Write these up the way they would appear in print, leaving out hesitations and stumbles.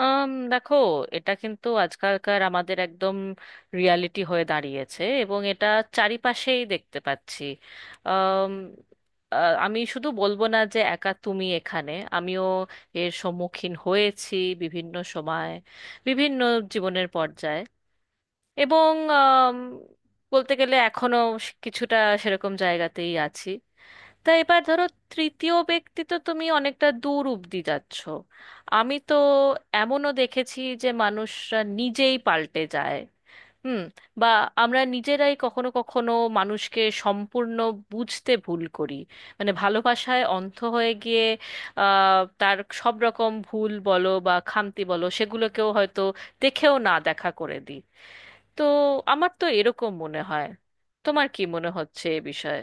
দেখো, এটা কিন্তু আজকালকার আমাদের একদম রিয়ালিটি হয়ে দাঁড়িয়েছে এবং এটা চারিপাশেই দেখতে পাচ্ছি। আম, আ, আমি শুধু বলবো না যে একা তুমি এখানে, আমিও এর সম্মুখীন হয়েছি বিভিন্ন সময়, বিভিন্ন জীবনের পর্যায়ে, এবং আম, বলতে গেলে এখনো কিছুটা সেরকম জায়গাতেই আছি। তা এবার ধরো, তৃতীয় ব্যক্তি তো, তুমি অনেকটা দূর অব্দি যাচ্ছ। আমি তো এমনও দেখেছি যে মানুষরা নিজেই পাল্টে যায়। হুম। বা আমরা নিজেরাই কখনো কখনো মানুষকে সম্পূর্ণ বুঝতে ভুল করি, মানে ভালোবাসায় অন্ধ হয়ে গিয়ে তার সব রকম ভুল বলো বা খামতি বলো সেগুলোকেও হয়তো দেখেও না দেখা করে দিই। তো আমার তো এরকম মনে হয়। তোমার কি মনে হচ্ছে এ বিষয়ে?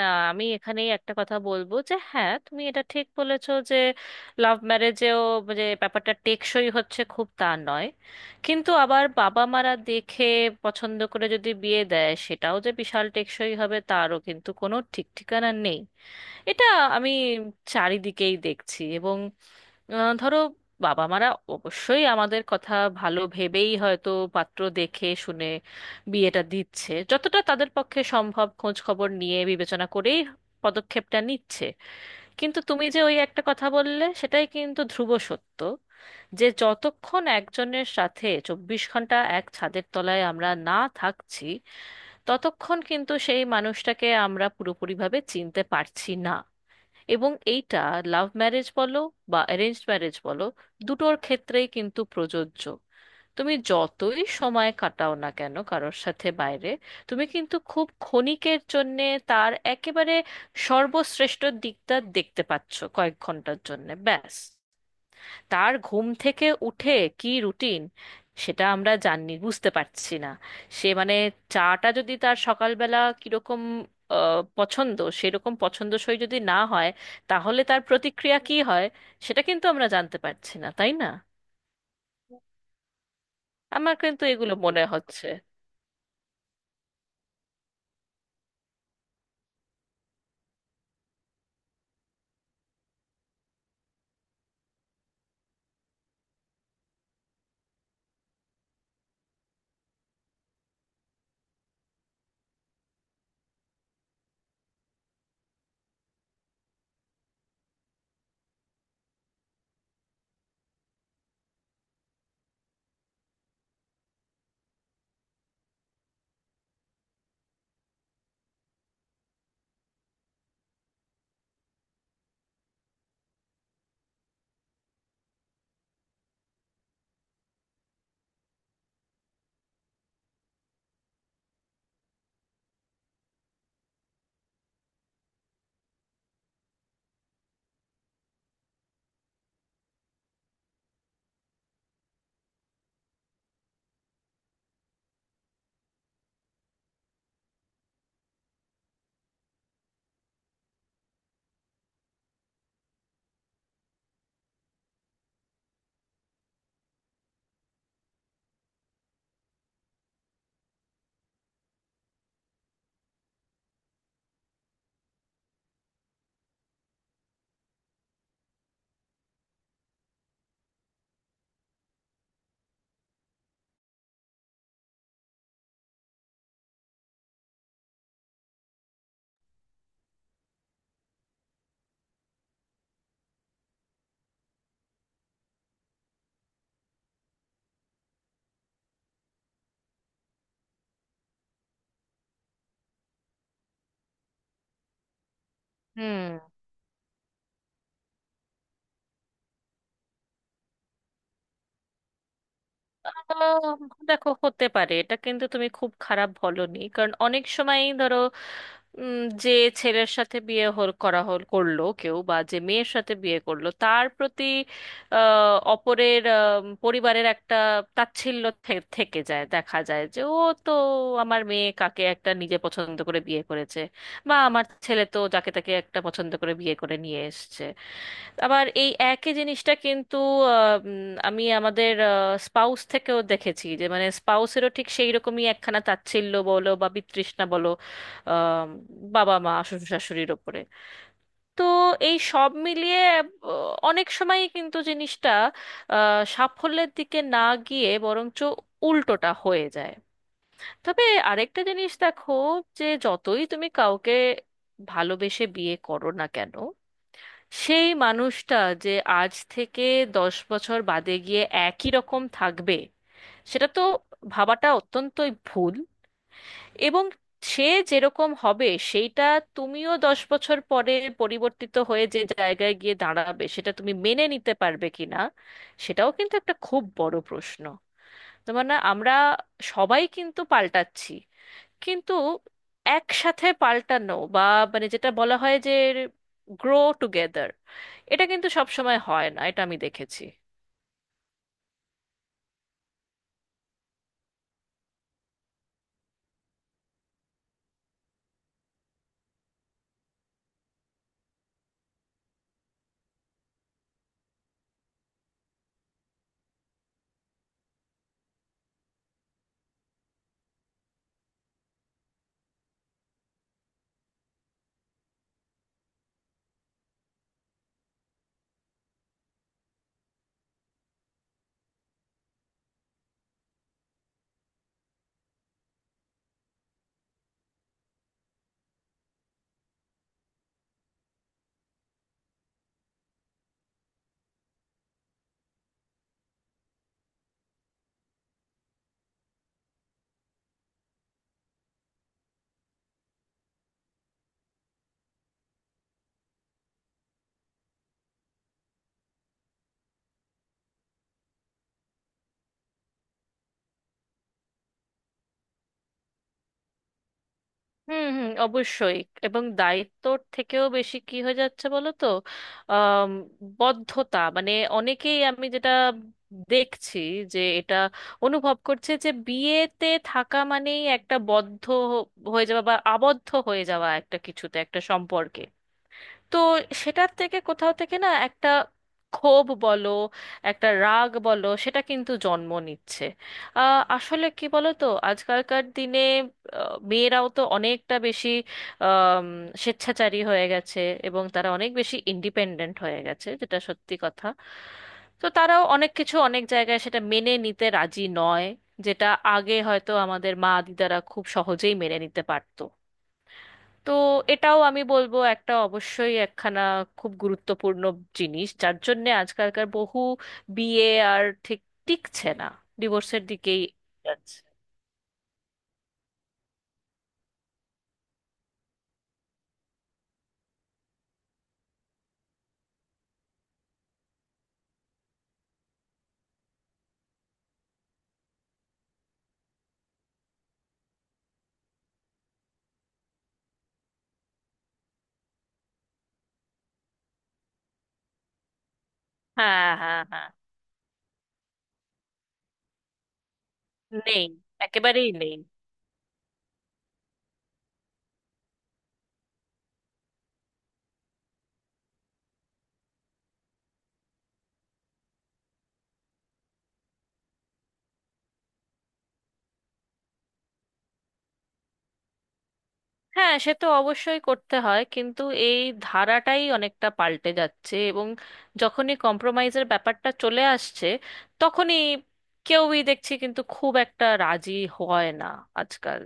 না, আমি এখানেই একটা কথা বলবো যে হ্যাঁ, তুমি এটা ঠিক বলেছো যে লাভ ম্যারেজেও যে ব্যাপারটা টেকসই হচ্ছে খুব, তা নয়। কিন্তু আবার বাবা মারা দেখে পছন্দ করে যদি বিয়ে দেয়, সেটাও যে বিশাল টেকসই হবে, তারও কিন্তু কোনো ঠিক ঠিকানা নেই। এটা আমি চারিদিকেই দেখছি। এবং ধরো, বাবা মারা অবশ্যই আমাদের কথা ভালো ভেবেই হয়তো পাত্র দেখে শুনে বিয়েটা দিচ্ছে, যতটা তাদের পক্ষে সম্ভব খোঁজ খবর নিয়ে বিবেচনা করেই পদক্ষেপটা নিচ্ছে। কিন্তু তুমি যে ওই একটা কথা বললে, সেটাই কিন্তু ধ্রুব সত্য, যে যতক্ষণ একজনের সাথে 24 ঘন্টা এক ছাদের তলায় আমরা না থাকছি, ততক্ষণ কিন্তু সেই মানুষটাকে আমরা পুরোপুরিভাবে চিনতে পারছি না। এবং এইটা লাভ ম্যারেজ বলো বা অ্যারেঞ্জড ম্যারেজ বলো, দুটোর ক্ষেত্রেই কিন্তু প্রযোজ্য। তুমি যতই সময় কাটাও না কেন কারোর সাথে বাইরে, তুমি কিন্তু খুব ক্ষণিকের জন্যে তার একেবারে সর্বশ্রেষ্ঠ দিকটা দেখতে পাচ্ছ, কয়েক ঘন্টার জন্যে ব্যাস। তার ঘুম থেকে উঠে কি রুটিন, সেটা আমরা জানি বুঝতে পারছি না। সে মানে চাটা যদি তার সকালবেলা কিরকম পছন্দ, সেরকম পছন্দসই যদি না হয়, তাহলে তার প্রতিক্রিয়া কি হয়, সেটা কিন্তু আমরা জানতে পারছি না, তাই না? আমার কিন্তু এগুলো মনে হচ্ছে। হুম। আহ, দেখো, হতে পারে, এটা কিন্তু তুমি খুব খারাপ বলনি, কারণ অনেক সময় ধরো উম, যে ছেলের সাথে বিয়ে হল করা হল করলো কেউ, বা যে মেয়ের সাথে বিয়ে করলো, তার প্রতি অপরের পরিবারের একটা তাচ্ছিল্য থেকে যায়। দেখা যায় যে, ও তো আমার মেয়ে কাকে একটা নিজে পছন্দ করে বিয়ে করেছে, বা আমার ছেলে তো যাকে তাকে একটা পছন্দ করে বিয়ে করে নিয়ে এসেছে। আবার এই একই জিনিসটা কিন্তু আমি আমাদের স্পাউস থেকেও দেখেছি, যে মানে স্পাউসেরও ঠিক সেই রকমই একখানা তাচ্ছিল্য বলো বা বিতৃষ্ণা বলো আম, বাবা মা শ্বশুর শাশুড়ির ওপরে। তো এই সব মিলিয়ে আহ, অনেক সময়ই কিন্তু জিনিসটা সাফল্যের দিকে না গিয়ে বরঞ্চ উল্টোটা হয়ে যায়। তবে আরেকটা জিনিস দেখো, যে যতই তুমি কাউকে ভালোবেসে বিয়ে করো না কেন, সেই মানুষটা যে আজ থেকে 10 বছর বাদে গিয়ে একই রকম থাকবে, সেটা তো ভাবাটা অত্যন্তই ভুল। এবং সে যেরকম হবে সেইটা, তুমিও 10 বছর পরে পরিবর্তিত হয়ে যে জায়গায় গিয়ে দাঁড়াবে, সেটা তুমি মেনে নিতে পারবে কিনা, সেটাও কিন্তু একটা খুব বড় প্রশ্ন। তো মানে আমরা সবাই কিন্তু পাল্টাচ্ছি, কিন্তু একসাথে পাল্টানো, বা মানে যেটা বলা হয় যে গ্রো টুগেদার, এটা কিন্তু সব সময় হয় না, এটা আমি দেখেছি। হুম হুম, অবশ্যই। এবং দায়িত্বর থেকেও বেশি কি হয়ে যাচ্ছে বলো তো, আম, বদ্ধতা, মানে অনেকেই আমি যেটা দেখছি, যে এটা অনুভব করছে যে বিয়েতে থাকা মানেই একটা বদ্ধ হয়ে যাওয়া, বা আবদ্ধ হয়ে যাওয়া একটা কিছুতে, একটা সম্পর্কে। তো সেটার থেকে কোথাও থেকে না একটা ক্ষোভ বলো, একটা রাগ বলো, সেটা কিন্তু জন্ম নিচ্ছে। আসলে কি বলো তো, আজকালকার দিনে মেয়েরাও তো অনেকটা বেশি আম, স্বেচ্ছাচারী হয়ে গেছে, এবং তারা অনেক বেশি ইন্ডিপেন্ডেন্ট হয়ে গেছে, যেটা সত্যি কথা। তো তারাও অনেক কিছু অনেক জায়গায় সেটা মেনে নিতে রাজি নয়, যেটা আগে হয়তো আমাদের মা দিদারা খুব সহজেই মেনে নিতে পারতো। তো এটাও আমি বলবো একটা অবশ্যই একখানা খুব গুরুত্বপূর্ণ জিনিস, যার জন্যে আজকালকার বহু বিয়ে আর ঠিক টিকছে না, ডিভোর্সের দিকেই যাচ্ছে। হ্যাঁ, হ্যাঁ, হ্যাঁ। নেই, একেবারেই নেই। হ্যাঁ, সে তো অবশ্যই করতে হয়, কিন্তু এই ধারাটাই অনেকটা পাল্টে যাচ্ছে, এবং যখনই কম্প্রোমাইজের ব্যাপারটা চলে আসছে, তখনই কেউই দেখছি কিন্তু খুব একটা রাজি হয় না আজকাল।